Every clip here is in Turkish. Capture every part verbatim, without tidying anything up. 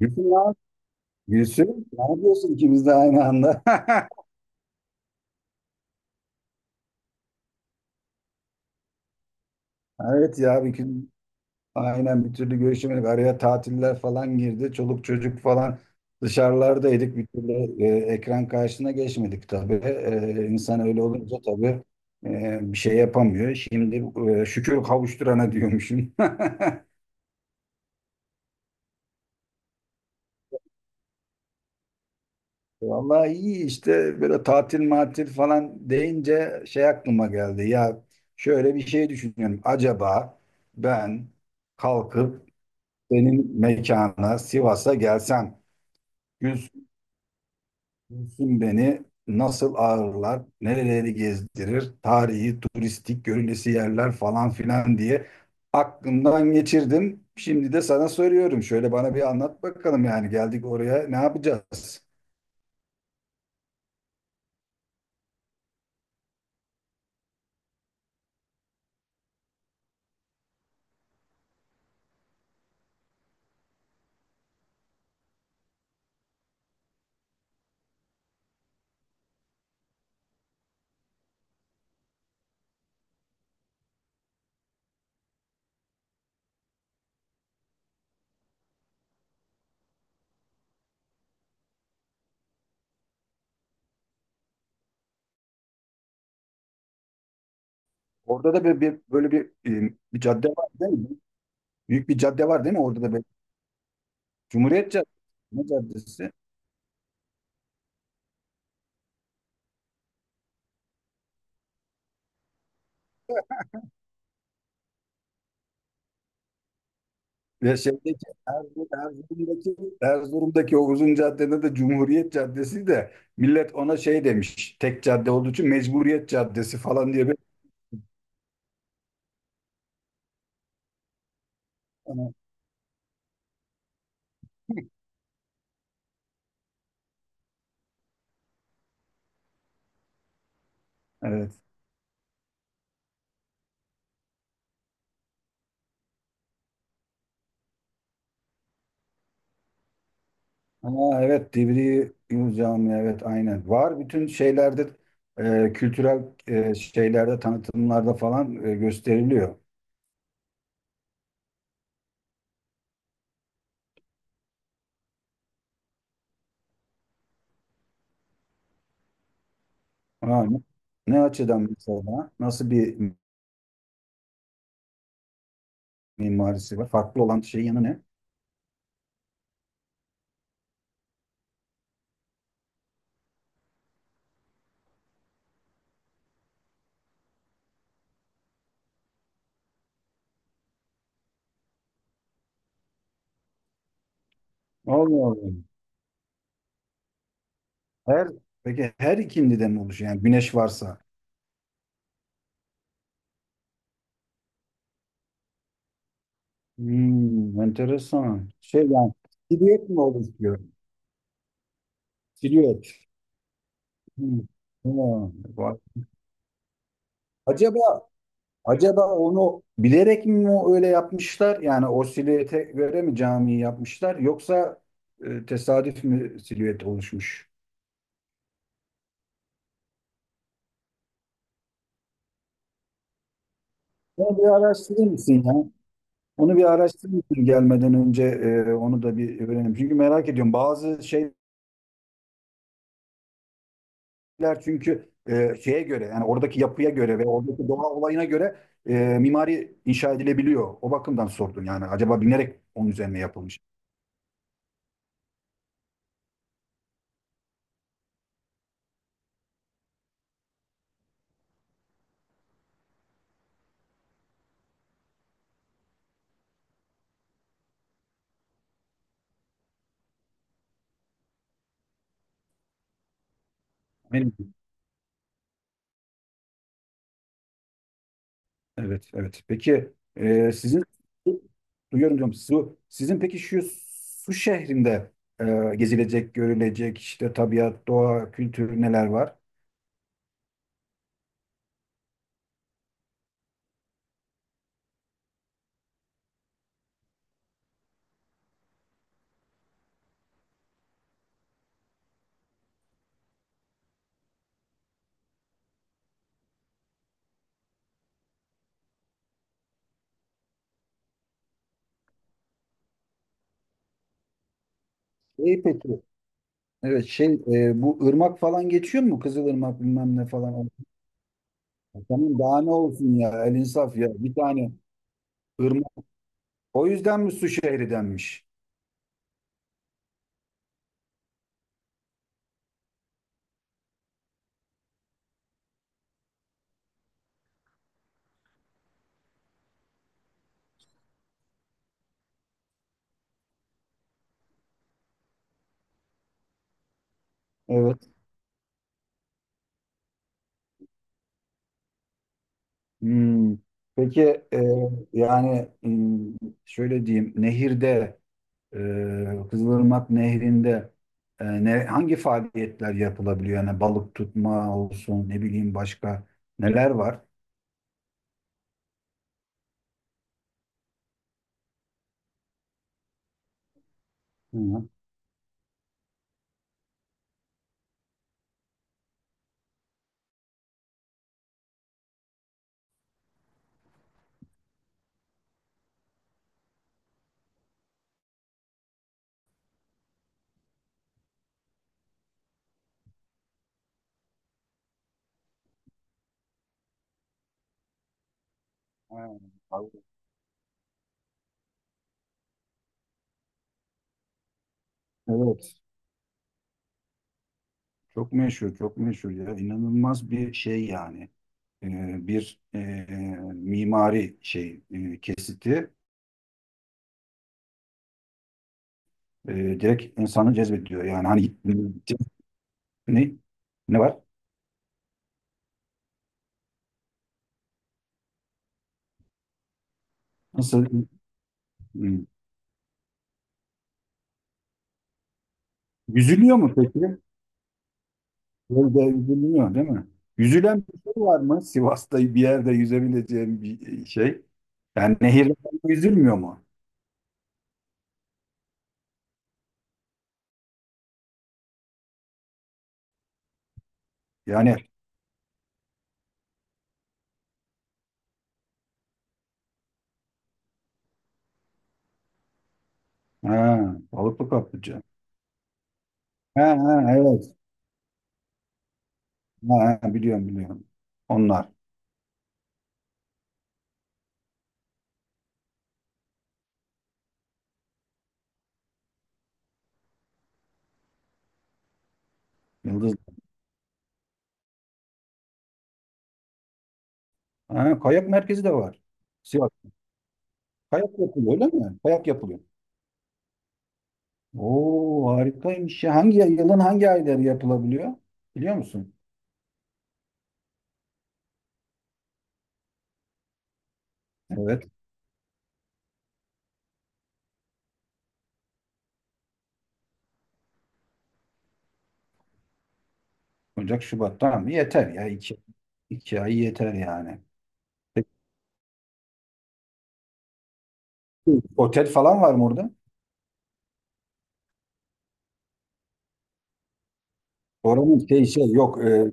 Gülsün ya. Gülsün. Ne yapıyorsun ikimiz de aynı anda? Evet ya bir gün aynen bir türlü görüşemedik. Araya tatiller falan girdi. Çoluk çocuk falan dışarılardaydık. Bir türlü e, ekran karşısına geçmedik tabii. E, insan öyle olunca tabii e, bir şey yapamıyor. Şimdi e, şükür kavuşturana diyormuşum. Vallahi iyi işte böyle tatil matil falan deyince şey aklıma geldi. Ya şöyle bir şey düşünüyorum. Acaba ben kalkıp senin mekana Sivas'a gelsem Güls- Gülsüm beni nasıl ağırlar, nereleri gezdirir, tarihi, turistik, görülesi yerler falan filan diye aklımdan geçirdim. Şimdi de sana soruyorum. Şöyle bana bir anlat bakalım yani geldik oraya ne yapacağız? Orada da böyle bir, böyle bir, e, bir cadde var değil mi? Büyük bir cadde var değil mi? Orada da böyle Cumhuriyet Caddesi. Ne caddesi? Ve şeydeki Erzurum, Erzurum'daki, Erzurum'daki o uzun caddede de Cumhuriyet Caddesi de millet ona şey demiş. Tek cadde olduğu için Mecburiyet Caddesi falan diye bir... Evet. Ama evet Divriği Yunus Camii evet aynen. Var bütün şeylerde e, kültürel e, şeylerde tanıtımlarda falan e, gösteriliyor. Ha, ne, ne açıdan mesela? Nasıl bir mimarisi var? Farklı olan şeyin yanı ne? Allah Allah. Her, peki her ikindiden mi oluşuyor? Yani güneş varsa. Hmm, enteresan. Şey yani silüet mi oluşuyor? Silüet. Hmm. Tamam. Vay. Acaba acaba onu bilerek mi o öyle yapmışlar? Yani o silüete göre mi camiyi yapmışlar? Yoksa e, tesadüf mü silüet oluşmuş? Bunu bir araştırır mısın ya? Onu bir araştırayım gelmeden önce e, onu da bir öğrenelim. Çünkü merak ediyorum bazı şeyler çünkü e, şeye göre yani oradaki yapıya göre ve oradaki doğa olayına göre e, mimari inşa edilebiliyor. O bakımdan sordum yani acaba binerek onun üzerine yapılmış. Benim, evet evet. Peki e, sizin duyuyorum diyorum su, sizin peki şu su şehrinde e, gezilecek görülecek işte tabiat doğa kültür neler var? İyi peki. Evet şey e, bu ırmak falan geçiyor mu? Kızılırmak bilmem ne falan. Tamam daha ne olsun ya el insaf ya bir tane ırmak. O yüzden mi su şehri denmiş? Evet. Hmm. Peki e, yani hmm, şöyle diyeyim nehirde e, Kızılırmak nehrinde e, ne, hangi faaliyetler yapılabiliyor? Yani balık tutma olsun ne bileyim başka neler var? Hı hı. Ha, balık. Evet. Çok meşhur, çok meşhur ya. İnanılmaz bir şey yani. Ee, bir e, mimari şey e, kesiti e, direkt insanı cezbediyor. Yani hani ne ne var? Nasıl? Hmm. Yüzülüyor mu peki? Böyle yüzülüyor değil mi? Yüzülen bir şey var mı? Sivas'ta bir yerde yüzebileceğim bir e, şey. Yani nehirde yüzülmüyor mu? Yani ha, balıklı kaplıca. Ha, ha, evet. Ha, ha, biliyorum biliyorum. Onlar. yıldız Ha, kayak merkezi de var. Sivas. Kayak yapılıyor öyle mi? Kayak yapılıyor. Oo harikaymış ya. Hangi yılın hangi ayları yapılabiliyor? Biliyor musun? Evet. Ocak, Şubat. Tamam yeter ya. İki, iki ay yeter yani. Peki otel falan var mı orada? Oranın şey şey yok. E,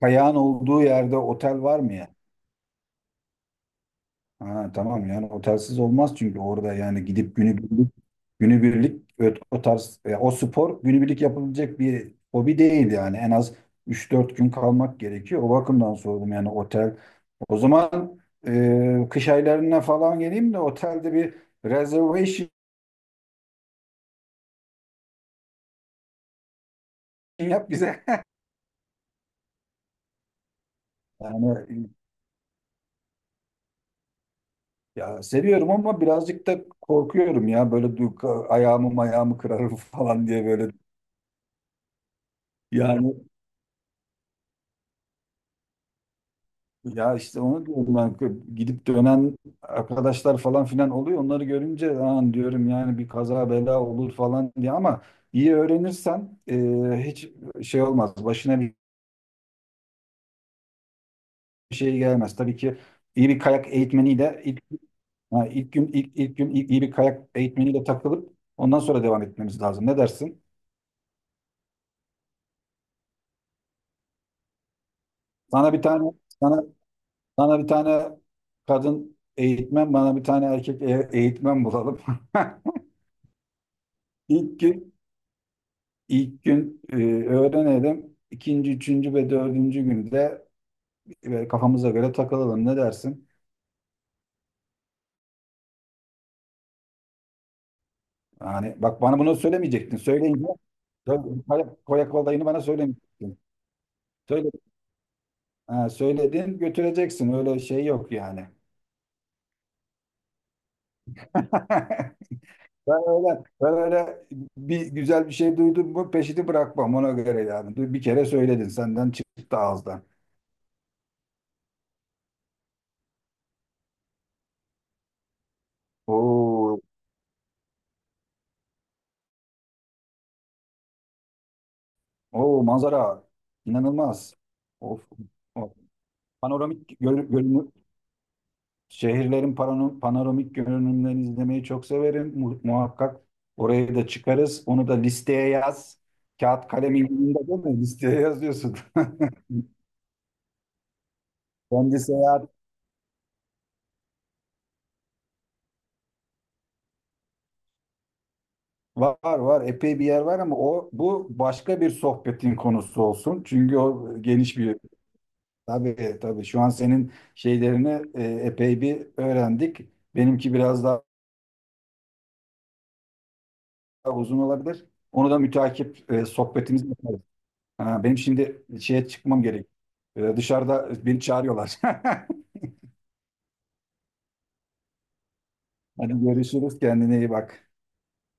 kayağın olduğu yerde otel var mı ya? Ha, tamam yani otelsiz olmaz çünkü orada yani gidip günübirlik günübirlik ö- o tarz e, o spor günübirlik yapılabilecek bir hobi değil yani en az üç dört gün kalmak gerekiyor. O bakımdan sordum yani otel. O zaman e, kış aylarına falan geleyim de otelde bir reservation yap bize. Yani ya seviyorum ama birazcık da korkuyorum ya böyle du- ayağımı ayağımı kırarım falan diye böyle yani Ya işte onu diyorum ben gidip dönen arkadaşlar falan filan oluyor. Onları görünce an diyorum yani bir kaza bela olur falan diye ama iyi öğrenirsen e, hiç şey olmaz. Başına bir şey gelmez. Tabii ki iyi bir kayak eğitmeniyle ilk, ha, ilk gün ilk, ilk gün iyi iyi bir kayak eğitmeniyle takılıp ondan sonra devam etmemiz lazım. Ne dersin? Sana bir tane sana sana bir tane kadın eğitmen, bana bir tane erkek e- eğitmen bulalım. İlk gün İlk gün e, öğrenelim. İkinci, üçüncü ve dördüncü günde e, kafamıza göre takılalım. Ne dersin? Yani bak bana bunu söylemeyecektin. Söyleyince Koya kolayını bana söylemeyecektin. Söyle, ha, söyledin götüreceksin. Öyle şey yok yani. Ben öyle, ben öyle bir güzel bir şey duydum mu peşini bırakmam ona göre yani. Du- Bir kere söyledin senden çıktı ağızdan. Oo, oo manzara inanılmaz. Of, of. Panoramik gör- görünü, şehirlerin panoram- panoramik görünümlerini izlemeyi çok severim. Mu- muhakkak oraya da çıkarız. Onu da listeye yaz. Kağıt kalem elinde değil mi? Listeye yazıyorsun. Kendi seyahat var var epey bir yer var ama o bu başka bir sohbetin konusu olsun. Çünkü o geniş bir tabii tabii şu an senin şeylerini e, epey bir öğrendik. Benimki biraz daha uzun olabilir. Onu da müteakip e, sohbetimiz Ha, benim şimdi şeye çıkmam gerek. Ee, dışarıda beni çağırıyorlar. Hadi görüşürüz. Kendine iyi bak.